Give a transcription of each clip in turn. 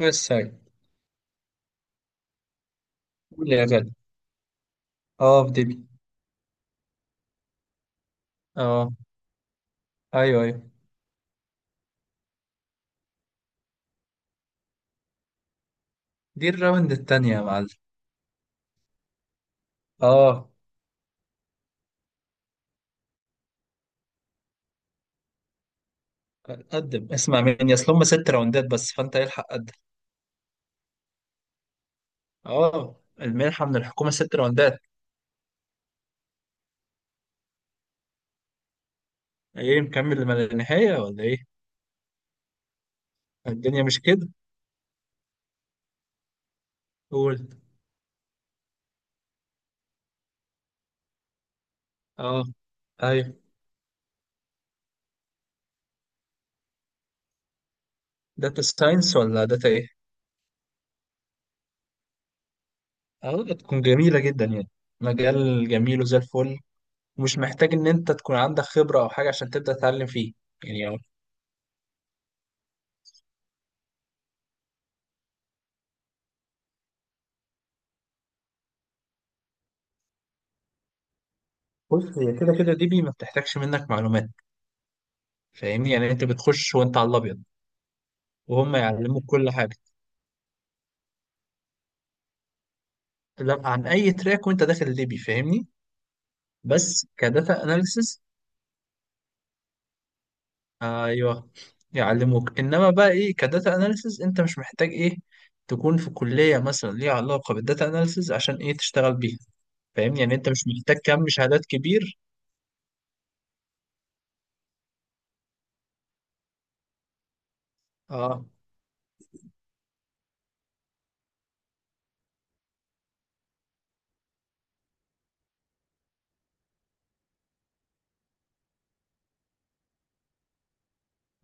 بس هاي. قول لي يا غالي. اه، في دبي. اه، ايوه ايوه، دي الراوند التانية يا معلم. اه. قدم، اسمع مني، اصل هم ست راوندات بس، فانت الحق قدم. اه، المنحة من الحكومة ست راوندات. ايه مكمل لما النهاية ولا ايه؟ الدنيا مش كده. قول. اه. ايوه. داتا ساينس ولا داتا ايه؟ اه، تكون جميلة جدا يعني. مجال جميل وزي الفل، ومش محتاج ان انت تكون عندك خبرة او حاجة عشان تبدأ تتعلم فيه. يعني اه. بص، هي كده كده دي بي ما بتحتاجش منك معلومات. فاهمني، يعني انت بتخش وانت على الابيض. وهم يعلموك كل حاجه. لا، عن اي تراك وانت داخل الليبي، فاهمني. بس كداتا اناليسز. ايوه، يعلموك. انما بقى ايه، كداتا اناليسز انت مش محتاج ايه تكون في كليه مثلا ليها علاقه بالداتا اناليسز عشان ايه تشتغل بيها. فاهمني، يعني انت مش محتاج كم شهادات كبير. اه.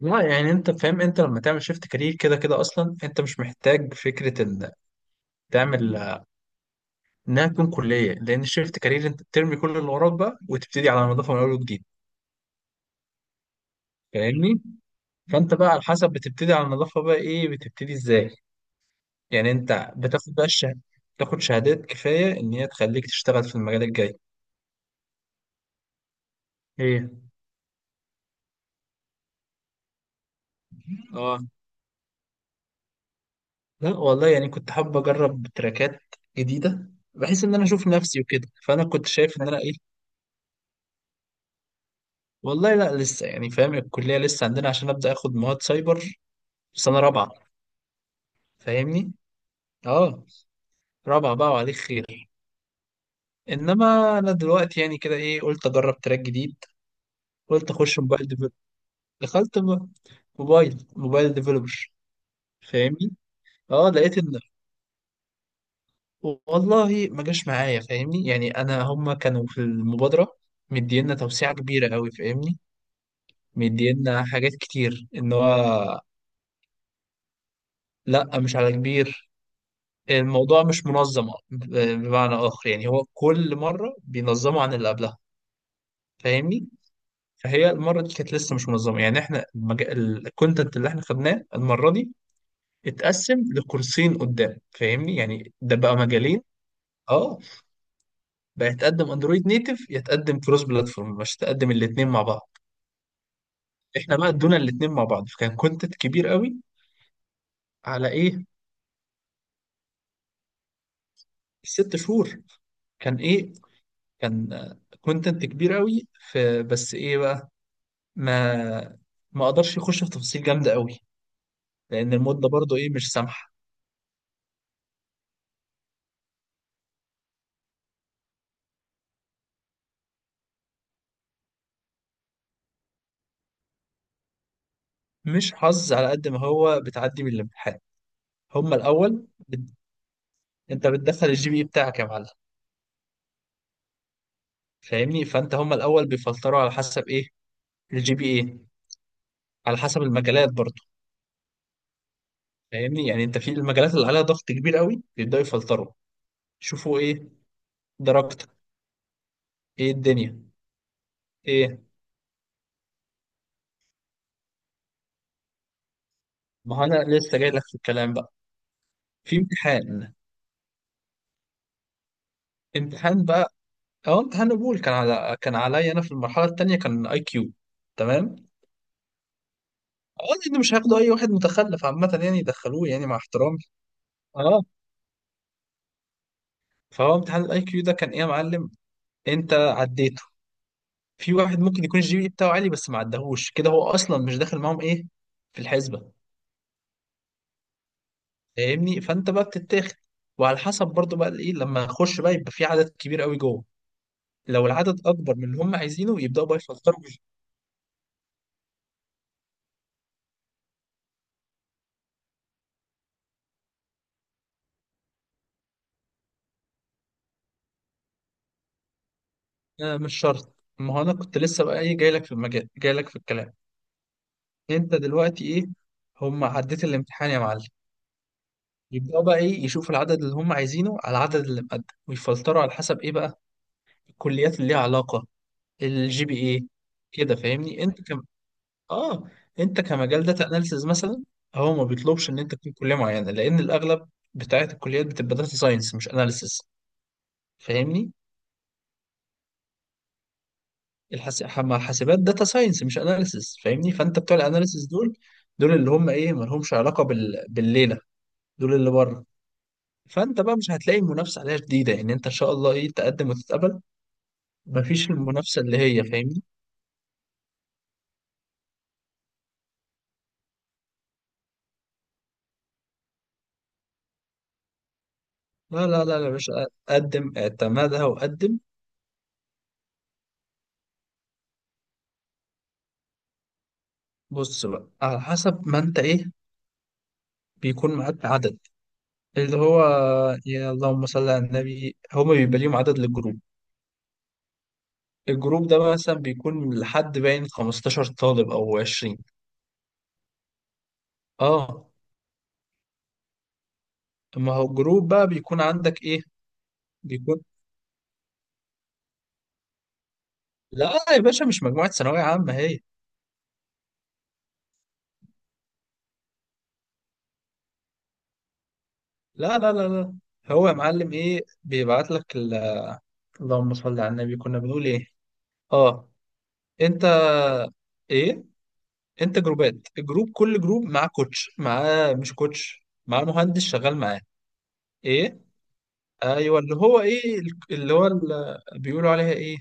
لا، يعني انت فاهم، انت لما تعمل شيفت كارير كده كده اصلا انت مش محتاج فكره ان تعمل انها تكون كليه، لان الشيفت كارير انت بترمي كل اللي وراك بقى وتبتدي على نظافه من اول وجديد. فاهمني. فانت بقى على حسب بتبتدي على نظافه، بقى ايه بتبتدي ازاي، يعني انت بتاخد بقى الشهاده، تاخد شهادات كفايه ان هي تخليك تشتغل في المجال الجاي. ايه. اه، لا والله، يعني كنت حابب اجرب تراكات جديده، بحيث ان انا اشوف نفسي وكده، فانا كنت شايف ان انا ايه. والله لا لسه، يعني فاهم الكليه لسه عندنا عشان ابدا اخد مواد سايبر في سنه رابعه. فاهمني. اه. رابعه بقى وعليك خير. انما انا دلوقتي يعني كده ايه، قلت اجرب تراك جديد، قلت اخش موبايل ديفلوبر. دخلت موبايل ديفلوبر. فاهمني. اه، لقيت ان والله ما جاش معايا، فاهمني. يعني انا هما كانوا في المبادره مدينا توسيعه كبيره قوي، فاهمني. مدينا حاجات كتير ان هو. لا مش على كبير. الموضوع مش منظم بمعنى اخر، يعني هو كل مره بينظمه عن اللي قبلها، فاهمني. فهي المرة دي كانت لسه مش منظمة، يعني احنا الكونتنت اللي احنا خدناه المرة دي اتقسم لكورسين قدام، فاهمني، يعني ده بقى مجالين. اه. بقى يتقدم اندرويد نيتف، يتقدم كروس بلاتفورم، مش تقدم الاتنين مع بعض. احنا بقى ادونا الاتنين مع بعض، فكان كونتنت كبير قوي. على ايه، ست شهور. كان ايه، كان كونتنت كبير قوي، في بس ايه بقى، ما ما اقدرش يخش في تفاصيل جامدة قوي، لان المدة برضو ايه مش سامحة. مش حظ على قد ما هو بتعدي من الامتحان. هم الاول انت بتدخل الجي بي اي بتاعك يا معلم. فاهمني، فانت هم الاول بيفلتروا على حسب ايه. الجي بي اي. على حسب المجالات برضه. فاهمني، يعني انت في المجالات اللي عليها ضغط كبير قوي بيبداوا يفلتروا، يشوفوا ايه درجتك، ايه الدنيا. ايه. ما هو انا لسه جاي لك في الكلام بقى. في امتحان. امتحان بقى، اه امتحان قبول، كان على كان عليا انا في المرحله الثانيه كان اي كيو. تمام. اه، لان مش هياخدوا اي واحد متخلف عامه يعني يدخلوه، يعني مع احترامي. اه، فهو امتحان الاي كيو ده كان ايه يا معلم، انت عديته. في واحد ممكن يكون الجي بي إيه بتاعه عالي بس ما عدهوش كده، هو اصلا مش داخل معاهم ايه في الحسبه. فاهمني، فانت بقى بتتاخد. وعلى حسب برضو بقى ايه، لما اخش بقى يبقى في عدد كبير قوي جوه، لو العدد اكبر من اللي هم عايزينه يبداوا بقى يفلتروا. آه مش شرط، ما هو انا كنت لسه بقى ايه جاي لك في المجال، جاي لك في الكلام. انت دلوقتي ايه، هم عديت الامتحان يا معلم، يبداوا بقى ايه يشوفوا العدد اللي هم عايزينه على العدد اللي مقدم، ويفلتروا على حسب ايه بقى الكليات اللي ليها علاقه، الجي بي اي. كده فاهمني، انت كم، اه، انت كمجال داتا اناليسز مثلا، هو ما بيطلبش ان انت تكون كليه معينه لان الاغلب بتاعت الكليات بتبقى داتا ساينس مش اناليسز. فاهمني. مع الحاسبات داتا ساينس مش اناليسز، فاهمني، فانت بتوع الاناليسز دول، دول اللي هم ايه ما لهمش علاقه بالليله، دول اللي بره. فانت بقى مش هتلاقي المنافسه عليها شديده، يعني انت ان شاء الله ايه تقدم وتتقبل، مفيش المنافسه اللي هي، فاهمني. لا لا لا يا باشا، قدم اعتمدها وقدم. بص بقى على حسب ما انت ايه، بيكون معاك عدد. اللي هو يا اللهم صل على النبي، هما بيبقى ليهم عدد للجروب. الجروب ده مثلا بيكون لحد باين 15 طالب او 20. اه. ما هو الجروب بقى بيكون عندك ايه، بيكون، لا يا باشا مش مجموعة ثانوية عامة هي. لا لا لا لا. هو يا معلم ايه بيبعت لك ال... اللهم صل على النبي، كنا بنقول ايه، اه، انت، ايه، انت جروبات، الجروب كل جروب معاه كوتش، معاه، مش كوتش، معاه مهندس شغال معاه. ايه. ايوه، اللي هو ايه، اللي هو اللي بيقولوا عليها ايه،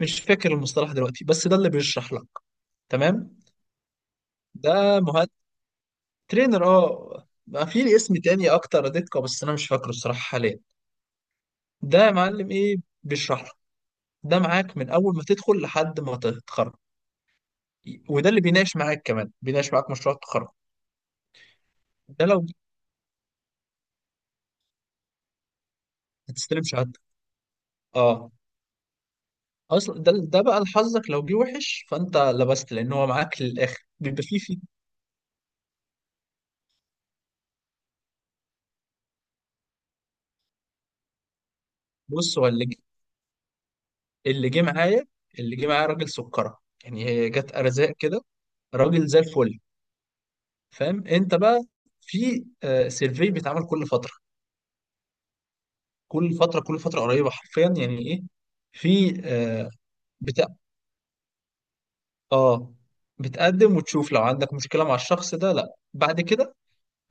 مش فاكر المصطلح دلوقتي بس ده اللي بيشرح لك. تمام. ده مهندس. ترينر اه، ما في اسم تاني اكتر دقة بس انا مش فاكره الصراحة حاليا. ده يا معلم ايه بيشرح لك. ده معاك من اول ما تدخل لحد ما تتخرج. وده اللي بيناقش معاك، كمان بيناقش معاك مشروع التخرج. ده لو هتستلم شهادتك. اه. اصلا ده بقى لحظك، لو جه وحش فانت لبست، لان هو معاك للاخر بيبقى فيه. بص هو اللي جه، اللي جه معايا اللي جه معايا راجل سكره، يعني هي جت ارزاق كده، راجل زي الفل. فاهم انت بقى. في سيرفي بيتعمل كل فتره، كل فتره قريبه حرفيا، يعني ايه، في بتاع، اه، بتقدم وتشوف لو عندك مشكله مع الشخص ده. لا بعد كده،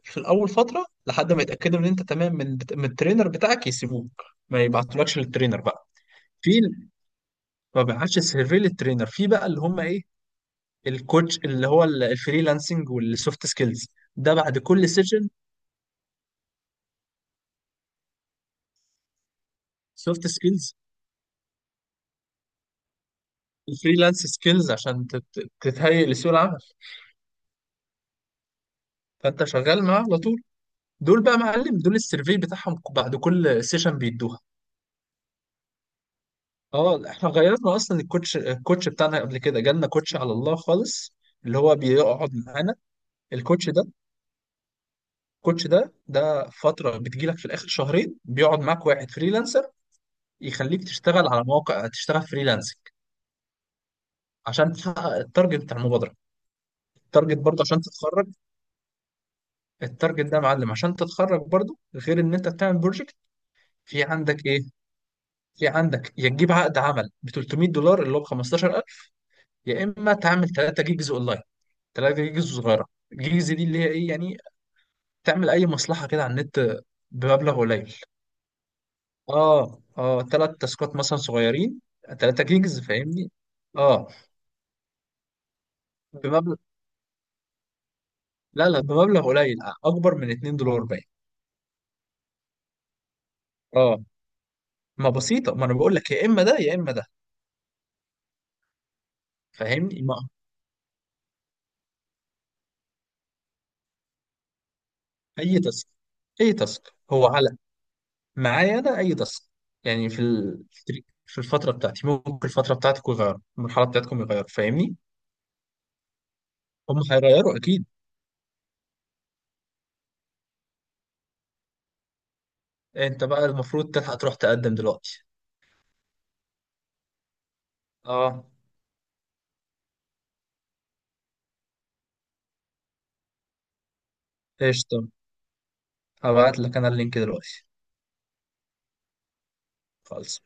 في الاول فتره لحد ما يتاكدوا ان انت تمام من الترينر بتاعك يسيبوك. ما يبعتولكش للترينر بقى. في ال- ما بيعملش سيرفي للترينر، في بقى اللي هم ايه الكوتش اللي هو الفريلانسنج والسوفت سكيلز. ده بعد كل سيشن. سوفت سكيلز، الفريلانس سكيلز عشان تتهيئ لسوق العمل. فانت شغال معاه على طول. دول بقى معلم، دول السيرفي بتاعهم بعد كل سيشن بيدوها. اه، احنا غيرنا اصلا الكوتش، بتاعنا قبل كده جالنا كوتش على الله خالص، اللي هو بيقعد معانا. الكوتش ده، الكوتش ده فترة بتجيلك في الاخر، شهرين بيقعد معاك واحد فريلانسر يخليك تشتغل على مواقع، تشتغل فريلانسنج عشان تحقق التارجت بتاع المبادره. التارجت برضه عشان تتخرج. التارجت ده يا معلم عشان تتخرج برضه، غير ان انت بتعمل بروجكت. في عندك ايه، في عندك يا تجيب عقد عمل ب 300 دولار اللي هو ب 15,000، يا اما تعمل 3 جيجز اونلاين، 3 جيجز صغيره. الجيجز دي اللي هي ايه يعني، تعمل اي مصلحه كده على النت بمبلغ قليل. اه، اه، ثلاث تاسكات مثلا صغيرين، 3 جيجز، فاهمني. اه، بمبلغ، لا لا بمبلغ قليل، اكبر من 2 دولار باين. اه، ما بسيطه، ما انا بقول لك يا اما ده يا اما ده. فاهمني، ما اي تاسك، اي تاسك هو على، معايا انا اي تاسك، يعني في ال...، في الفتره بتاعتي ممكن، الفتره بتاعتكم يغيروا، المرحله بتاعتكم يغيروا، فاهمني. هم هيغيروا اكيد، انت بقى المفروض تلحق تروح تقدم دلوقتي. اه قشطه، هبعت لك انا اللينك دلوقتي. خالص.